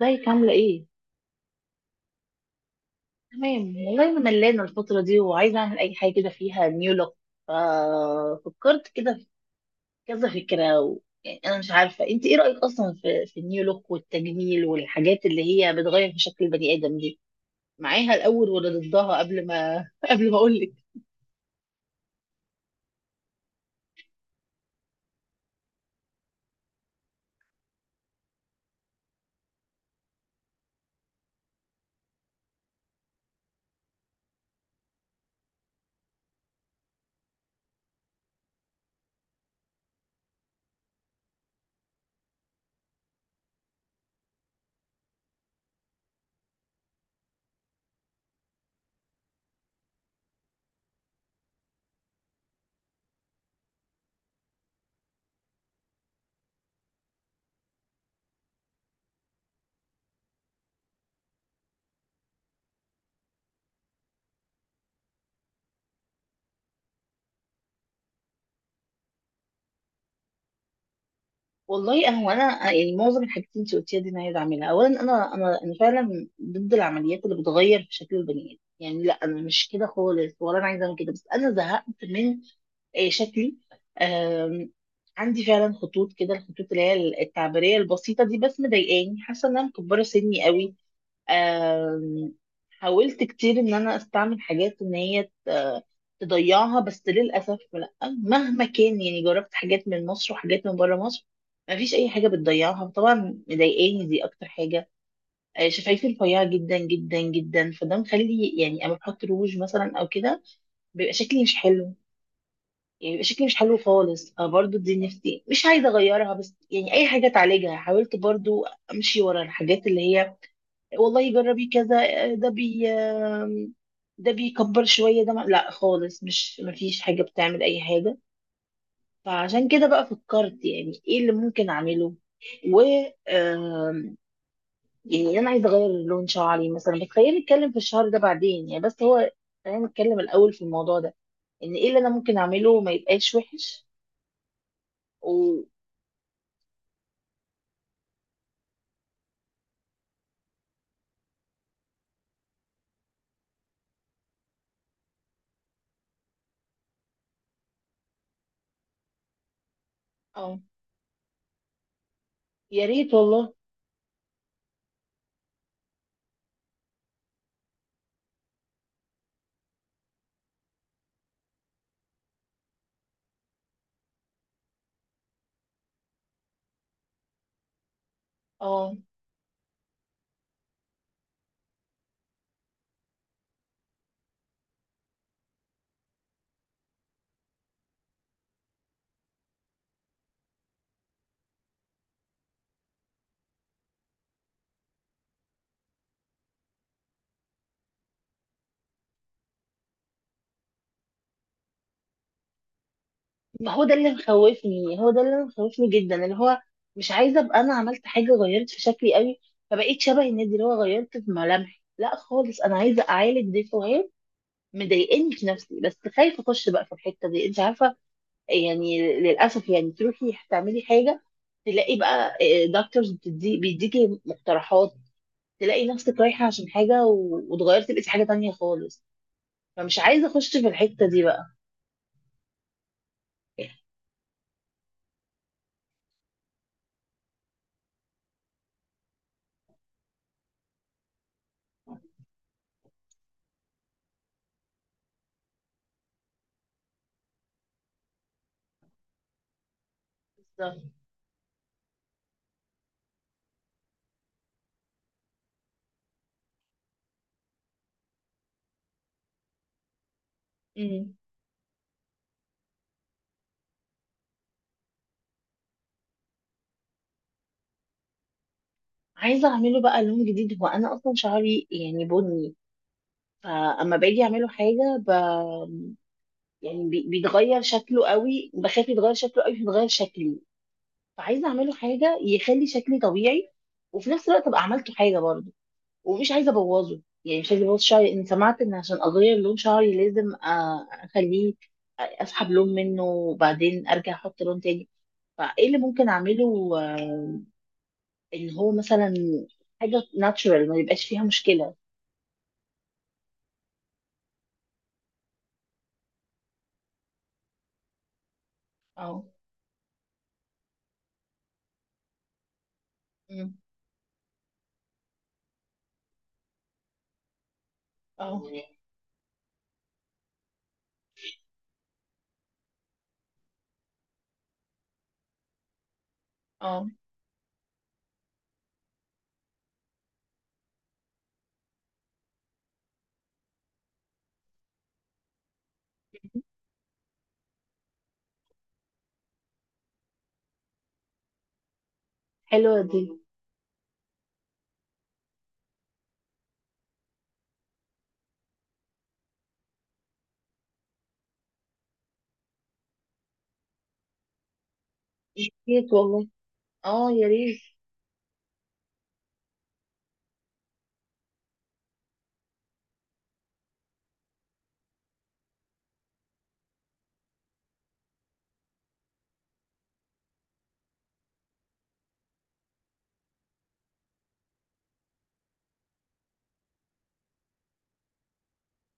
ازيك؟ عاملة ايه؟ تمام والله، انا ملانة الفترة دي وعايزة اعمل اي حاجة كده فيها نيو لوك. ففكرت كده في كذا فكرة يعني انا مش عارفة انت ايه رأيك اصلا في النيو لوك والتجميل والحاجات اللي هي بتغير في شكل البني ادم دي؟ معاها الاول ولا ضدها قبل ما قبل ما اقول. والله هو انا يعني معظم الحاجات اللي انت قلتيها دي انا عايزه اعملها. اولا انا فعلا ضد العمليات اللي بتغير في شكل البني ادم. يعني لا، انا مش كده خالص، ولا انا عايزه اعمل كده، بس انا زهقت من شكلي. آم، عندي فعلا خطوط كده، الخطوط اللي هي التعبيريه البسيطه دي، بس مضايقاني. حاسه ان انا مكبره سني قوي. آم، حاولت كتير ان انا استعمل حاجات ان هي تضيعها، بس للاسف لا. مهما كان، يعني جربت حاجات من مصر وحاجات من بره مصر، ما فيش اي حاجه بتضيعها طبعا. مضايقاني دي اكتر حاجه. شفايفي رفيعه جدا جدا جدا، فده مخلي يعني اما بحط روج مثلا او كده بيبقى شكلي مش حلو. يعني بيبقى شكلي مش حلو خالص، فبرضه دي نفسي مش عايزه اغيرها، بس يعني اي حاجه تعالجها حاولت برضه امشي ورا الحاجات اللي هي، والله جربي كذا. ده ده بيكبر شوية، ده ما... لا خالص، مش مفيش حاجة بتعمل أي حاجة. فعشان كده بقى فكرت يعني ايه اللي ممكن أعمله و آم، يعني أنا عايزة أغير لون شعري مثلا، بس خلينا نتكلم في الشهر ده بعدين يعني. بس هو خلينا نتكلم الأول في الموضوع ده، إن ايه اللي أنا ممكن أعمله ما يبقاش وحش. و اه، يا ريت والله. اه، ما هو ده اللي مخوفني، هو ده اللي مخوفني جدا، اللي هو مش عايزه ابقى انا عملت حاجه غيرت في شكلي قوي فبقيت شبه النادي، اللي هو غيرت في ملامحي. لا خالص، انا عايزه اعالج ديفوهات مضايقني في نفسي، بس خايفه اخش بقى في الحته دي، انت عارفه. يعني للاسف يعني تروحي تعملي حاجه، تلاقي بقى دكتورز بتدي بيديكي مقترحات، تلاقي نفسك رايحه عشان حاجه وتغيرتي بقيتي حاجه تانية خالص. فمش عايزه اخش في الحته دي بقى. بالظبط. عايزة اعمله بقى لون جديد. هو انا اصلا شعري يعني بني، فاما باجي اعمله حاجة يعني بيتغير شكله قوي. بخاف يتغير شكله قوي فيتغير شكلي. فعايزة اعمله حاجة يخلي شكلي طبيعي، وفي نفس الوقت ابقى عملته حاجة برضه. ومش عايزة ابوظه، يعني مش عايزة ابوظ شعري. ان سمعت ان عشان اغير لون شعري لازم اخليه اسحب لون منه وبعدين ارجع احط لون تاني. فايه اللي ممكن اعمله ان هو مثلا حاجة ناتشورال ما يبقاش فيها مشكلة. اه. مم. اه. اه. حلوة دي. يا ريت والله. اه، يا ريت.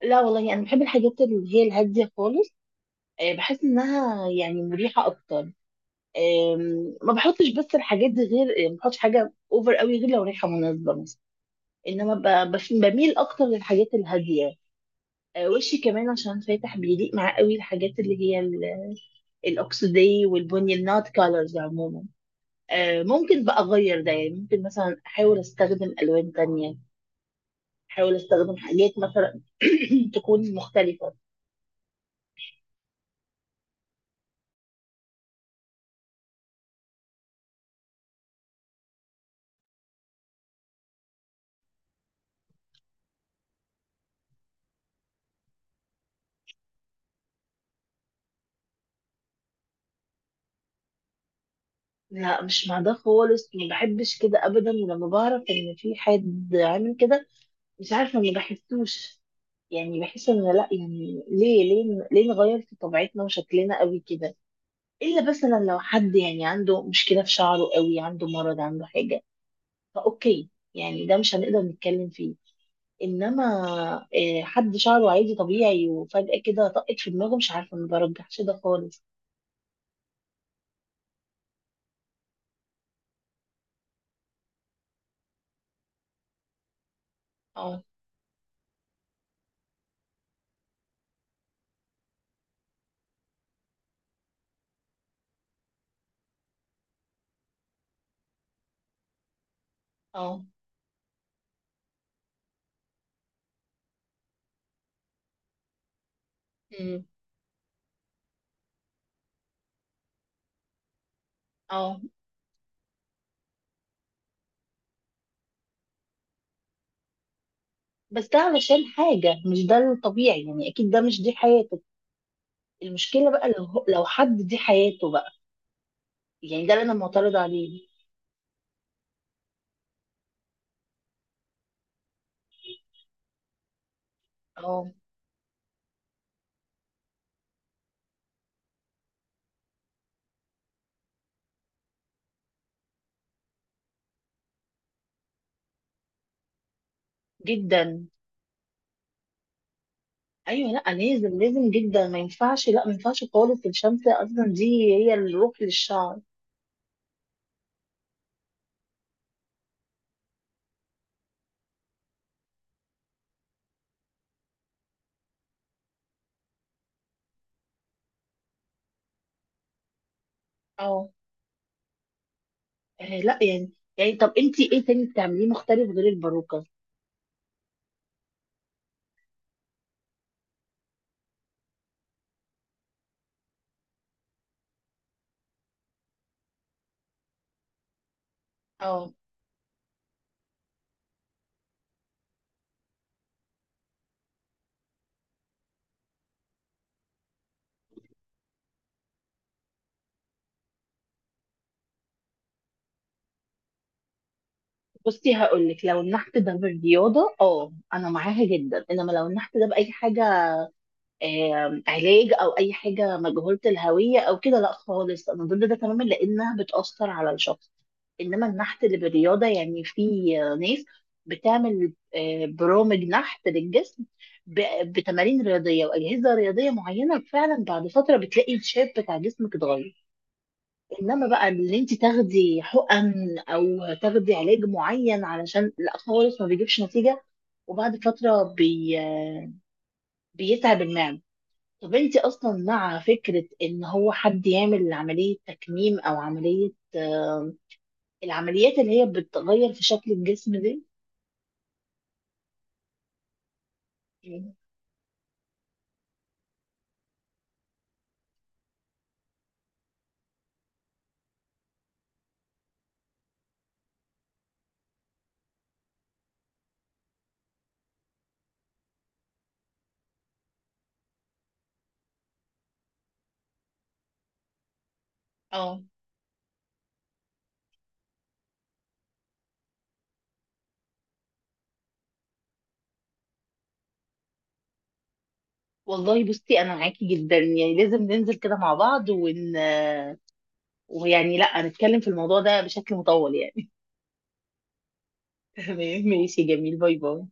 لا والله، انا بحب الحاجات اللي هي الهاديه خالص. بحس انها يعني مريحه اكتر. ما بحطش بس الحاجات دي غير، ما بحطش حاجه اوفر قوي غير لو ريحه مناسبه مثلا. انما بميل اكتر للحاجات الهاديه. وشي كمان عشان فاتح بيليق معاه قوي الحاجات اللي هي الاكسدي والبني، النات كالرز عموما. ممكن بقى اغير ده، يعني ممكن مثلا احاول استخدم الوان تانية، احاول استخدم حاجات مثلا تكون مختلفة. لا، مش مع ده خالص، ما بحبش كده ابدا. ولما بعرف ان في حد عامل كده مش عارفة، ما بحسوش. يعني بحس ان لا، يعني ليه نغير في طبيعتنا وشكلنا قوي كده؟ الا مثلا لو حد يعني عنده مشكلة في شعره قوي، عنده مرض، عنده حاجة، فاوكي، يعني ده مش هنقدر نتكلم فيه. انما حد شعره عادي طبيعي وفجأة كده طقت في دماغه، مش عارفة، ما برجحش ده خالص. اه. اه. مم. اه. بس ده علشان حاجة، مش ده الطبيعي يعني. أكيد ده مش، دي حياته. المشكلة بقى لو لو حد دي حياته بقى، يعني ده اللي أنا معترضة عليه. اه، جدا. أيوه، لأ لازم، لازم جدا، ما ينفعش، لأ ما ينفعش خالص. الشمس أصلا دي هي الروح للشعر. اه. لأ يعني. يعني طب أنتي إيه تاني بتعمليه مختلف غير الباروكة؟ اه، بصي هقول لك، لو النحت ده بالرياضة اه أنا معاها جدا، إنما لو النحت ده بأي حاجة علاج او اي حاجه مجهوله الهويه او كده، لا خالص، انا ضد ده تماما، لانها بتاثر على الشخص. انما النحت اللي بالرياضه، يعني في ناس بتعمل برامج نحت للجسم بتمارين رياضيه واجهزه رياضيه معينه، فعلا بعد فتره بتلاقي الشيب بتاع جسمك اتغير. انما بقى اللي انت تاخدي حقن او تاخدي علاج معين علشان، لا خالص ما بيجيبش نتيجه، وبعد فتره بي... آه، بيتعب المعده. طب انت اصلا مع فكرة ان هو حد يعمل عملية تكميم، او عملية العمليات اللي هي بتغير في شكل الجسم دي؟ مم. اه. والله بصي، انا معاكي جدا، يعني لازم ننزل كده مع بعض ون آه، ويعني لا نتكلم في الموضوع ده بشكل مطول يعني. تمام، ماشي، جميل، باي باي.